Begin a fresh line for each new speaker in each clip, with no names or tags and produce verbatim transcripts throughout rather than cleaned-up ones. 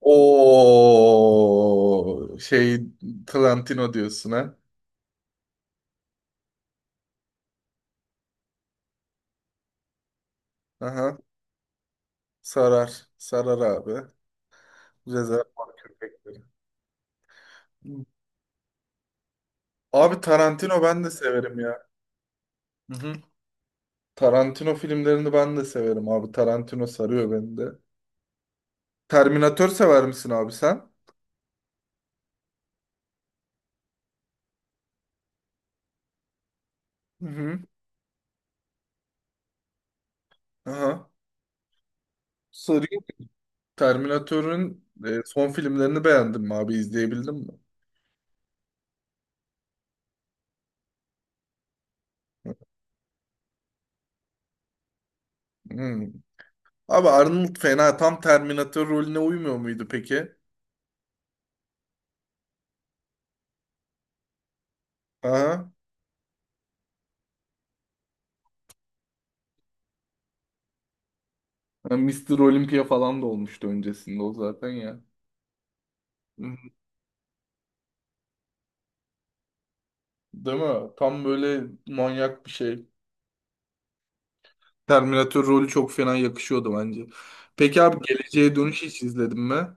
O şey Tarantino diyorsun ha. Aha, sarar. Sarar abi. Rezervuar köpekleri. Abi Tarantino ben de severim ya. Hı hı. Tarantino filmlerini ben de severim abi. Tarantino sarıyor beni de. Terminator sever misin abi sen? Hı hı. Aha. Sarıyor. Terminator'un e, son filmlerini beğendin mi abi? İzleyebildin mi? Hmm. Abi Arnold fena tam Terminator rolüne uymuyor muydu peki? Aha. Ha, mister Olympia falan da olmuştu öncesinde o zaten ya. Hı, hı. Değil mi? Tam böyle manyak bir şey. Terminator rolü çok fena yakışıyordu bence. Peki abi Geleceğe Dönüş hiç izledin mi?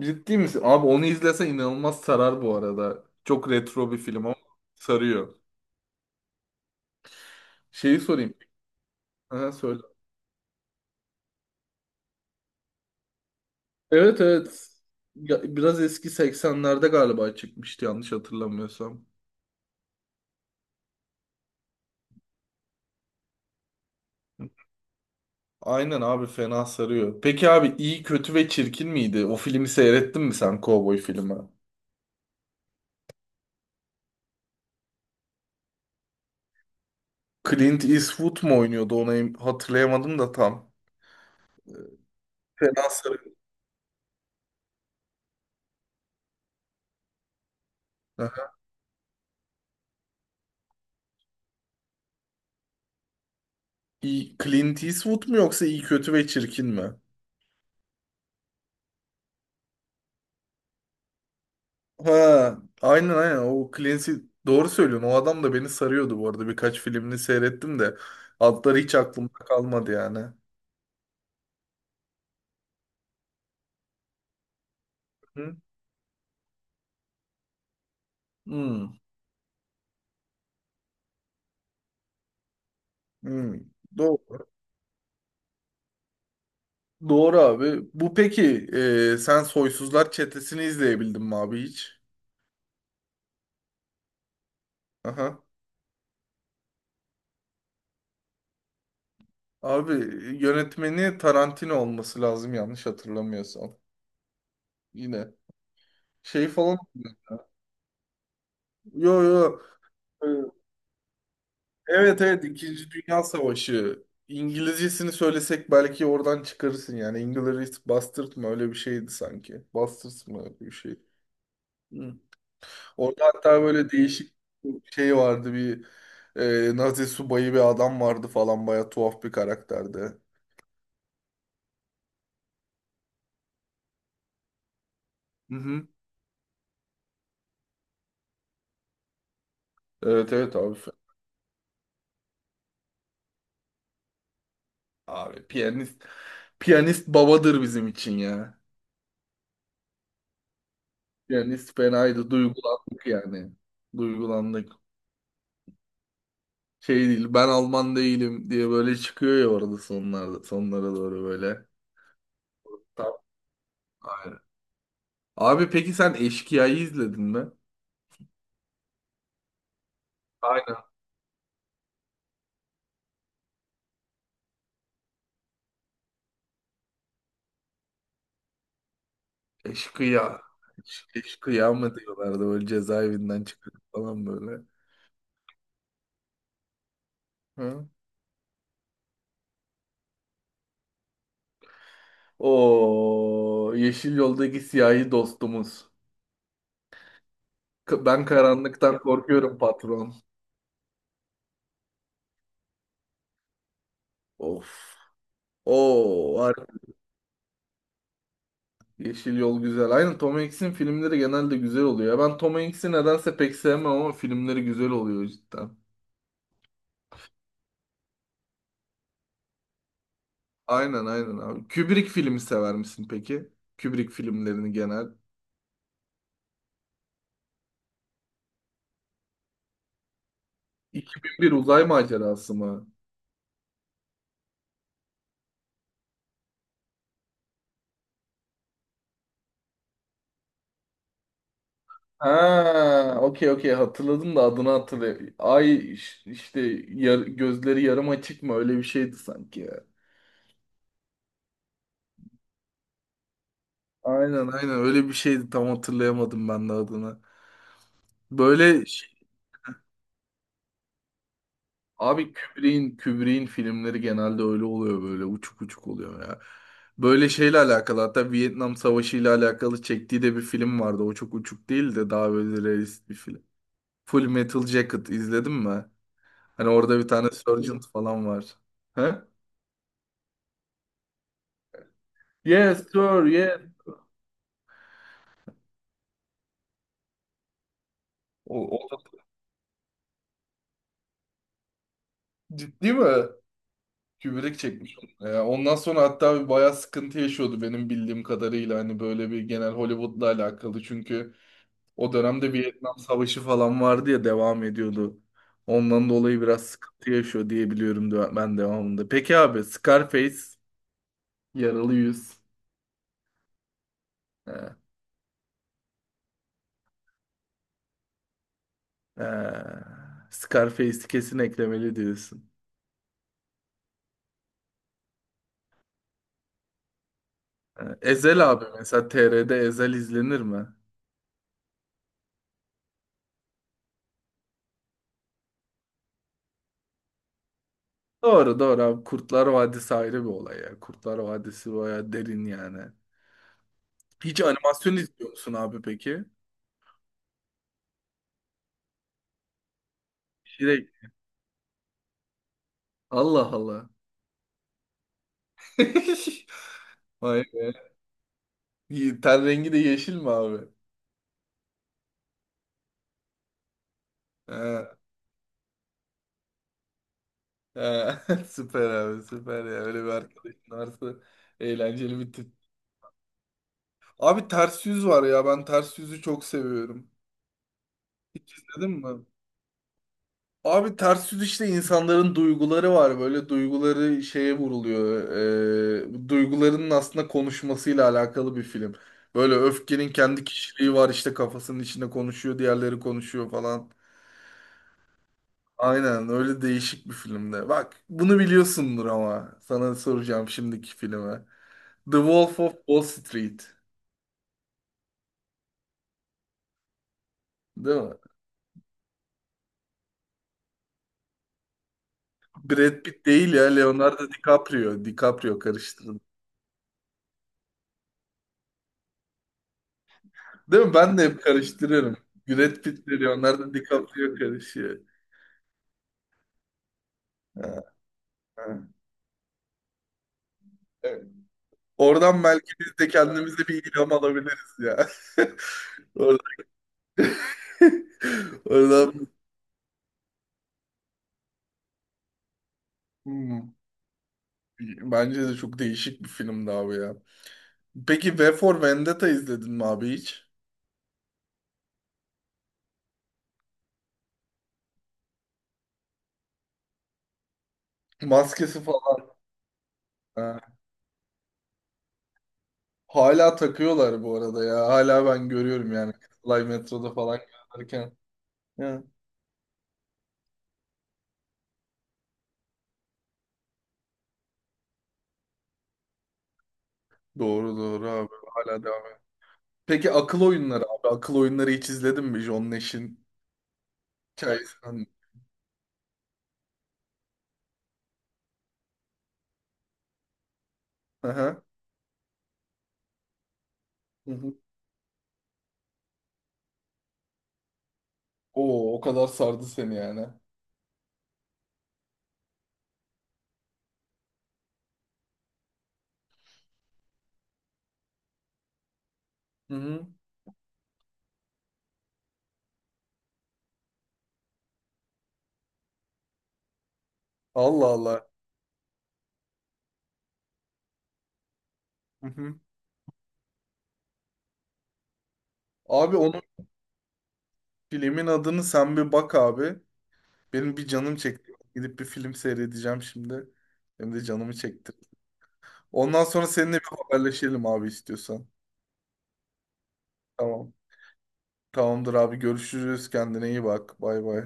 Ciddi misin? Abi onu izlesen inanılmaz sarar bu arada. Çok retro bir film ama sarıyor. Şeyi sorayım. Aha, söyle. Evet, evet. Ya, biraz eski seksenlerde galiba çıkmıştı yanlış hatırlamıyorsam. Aynen abi fena sarıyor. Peki abi iyi kötü ve çirkin miydi? O filmi seyrettin mi sen, Cowboy filmi? Clint Eastwood mu oynuyordu onu, em- hatırlayamadım da tam. Fena sarıyor. Aha. İyi, Clint Eastwood mu yoksa iyi kötü ve çirkin mi? Ha, aynen, aynen, o Clint Eastwood, doğru söylüyorsun. O adam da beni sarıyordu bu arada. Birkaç filmini seyrettim de adları hiç aklımda kalmadı yani. Hı? Hmm. Hmm. Doğru. Doğru abi. Bu peki e, sen Soysuzlar Çetesi'ni izleyebildin mi abi hiç? Aha. Abi yönetmeni Tarantino olması lazım yanlış hatırlamıyorsam. Yine şey falan. Yo, yo. Ee, Evet, evet, İkinci Dünya Savaşı. İngilizcesini söylesek belki oradan çıkarırsın yani. Inglourious Basterds mı, öyle bir şeydi sanki. Basterds mı, öyle bir şey. Hı. Orada hatta böyle değişik bir şey vardı, bir e, Nazi subayı bir adam vardı falan, baya tuhaf bir karakterdi. Hı hı. Evet, evet abi. Abi piyanist, piyanist babadır bizim için ya. Piyanist fenaydı. Duygulandık yani. Duygulandık. Şey değil, ben Alman değilim diye böyle çıkıyor ya orada sonlarda, sonlara doğru böyle. Tamam. Aynen. Abi peki sen Eşkıya'yı izledin mi? Aynen. Eşkıya. Eş- Eşkıya mı diyorlardı, böyle cezaevinden çıkıp falan böyle. Hı? O yeşil yoldaki siyahi dostumuz. K- Ben karanlıktan korkuyorum patron. Of. O var. Yeşil yol güzel. Aynen, Tom Hanks'in filmleri genelde güzel oluyor. Ya, ben Tom Hanks'i nedense pek sevmem ama filmleri güzel oluyor cidden. Aynen, aynen abi. Kubrick filmi sever misin peki? Kubrick filmlerini genel. iki bin bir Uzay Macerası mı? Ha, okey, okey, hatırladım da adını hatırlayayım. Ay, iş- işte, yar- gözleri yarım açık mı öyle bir şeydi sanki ya. Aynen, aynen, öyle bir şeydi, tam hatırlayamadım ben de adını. Böyle şey- abi Kubrick'in Kubrick'in filmleri genelde öyle oluyor, böyle uçuk uçuk oluyor ya. Böyle şeyle alakalı, hatta Vietnam Savaşı ile alakalı çektiği de bir film vardı. O çok uçuk değil de daha böyle realist bir film. Full Metal Jacket izledin mi? Hani orada bir tane Sergeant falan var. He? Yes sir, yes. O, o da, ciddi mi? Kübrik çekmiş onu. Ya ondan sonra hatta bir bayağı sıkıntı yaşıyordu benim bildiğim kadarıyla. Hani böyle bir genel Hollywood'la alakalı. Çünkü o dönemde Vietnam Savaşı falan vardı ya, devam ediyordu. Ondan dolayı biraz sıkıntı yaşıyor diye biliyorum de- ben devamında. Peki abi Scarface, Yaralı Yüz. He, he. Scarface'i kesin eklemeli diyorsun. He. Ezel abi mesela, T R'de Ezel izlenir mi? Doğru, doğru abi. Kurtlar Vadisi ayrı bir olay ya. Kurtlar Vadisi bayağı derin yani. Hiç animasyon izliyor musun abi peki? Direkt. Allah Allah. Vay be. Ye- Ten rengi de yeşil mi abi? Ha, ha. Süper abi, süper ya. Öyle bir arkadaşın varsa eğlenceli bir tip. Abi ters yüz var ya. Ben ters yüzü çok seviyorum. Hiç izledin mi? Abi ters yüz işte, insanların duyguları var. Böyle duyguları şeye vuruluyor. Ee, duygularının aslında konuşmasıyla alakalı bir film. Böyle öfkenin kendi kişiliği var işte, kafasının içinde konuşuyor, diğerleri konuşuyor falan. Aynen, öyle değişik bir filmde. Bak, bunu biliyorsundur ama sana soracağım şimdiki filme. The Wolf of Wall Street. Değil mi? Brad Pitt değil ya, Leonardo DiCaprio. DiCaprio karıştırdı. Değil mi? Ben de hep karıştırıyorum. Brad Pitt veriyor. Onlar da DiCaprio karışıyor. Ha, ha. Evet. Oradan belki biz de kendimize bir ilham alabiliriz ya. Oradan, oradan. Hmm. Bence de çok değişik bir filmdi abi ya. Peki V for Vendetta izledin mi abi hiç? Maskesi falan. Ha. Hala takıyorlar bu arada ya. Hala ben görüyorum yani. Live metroda falan gezerken. Ya. Doğru, doğru abi. Hala devam. Peki akıl oyunları abi. Akıl oyunları hiç izledin mi? John Nash'in hikayesinden. Hı hı. Hı hı. Oo, o kadar sardı seni yani. Hı hı. Allah Allah. Hı hı. Abi onun, filmin adını sen bir bak abi. Benim bir canım çekti. Gidip bir film seyredeceğim şimdi. Hem de canımı çekti. Ondan sonra seninle bir haberleşelim abi, istiyorsan. Tamam. Tamamdır abi. Görüşürüz. Kendine iyi bak. Bay bay.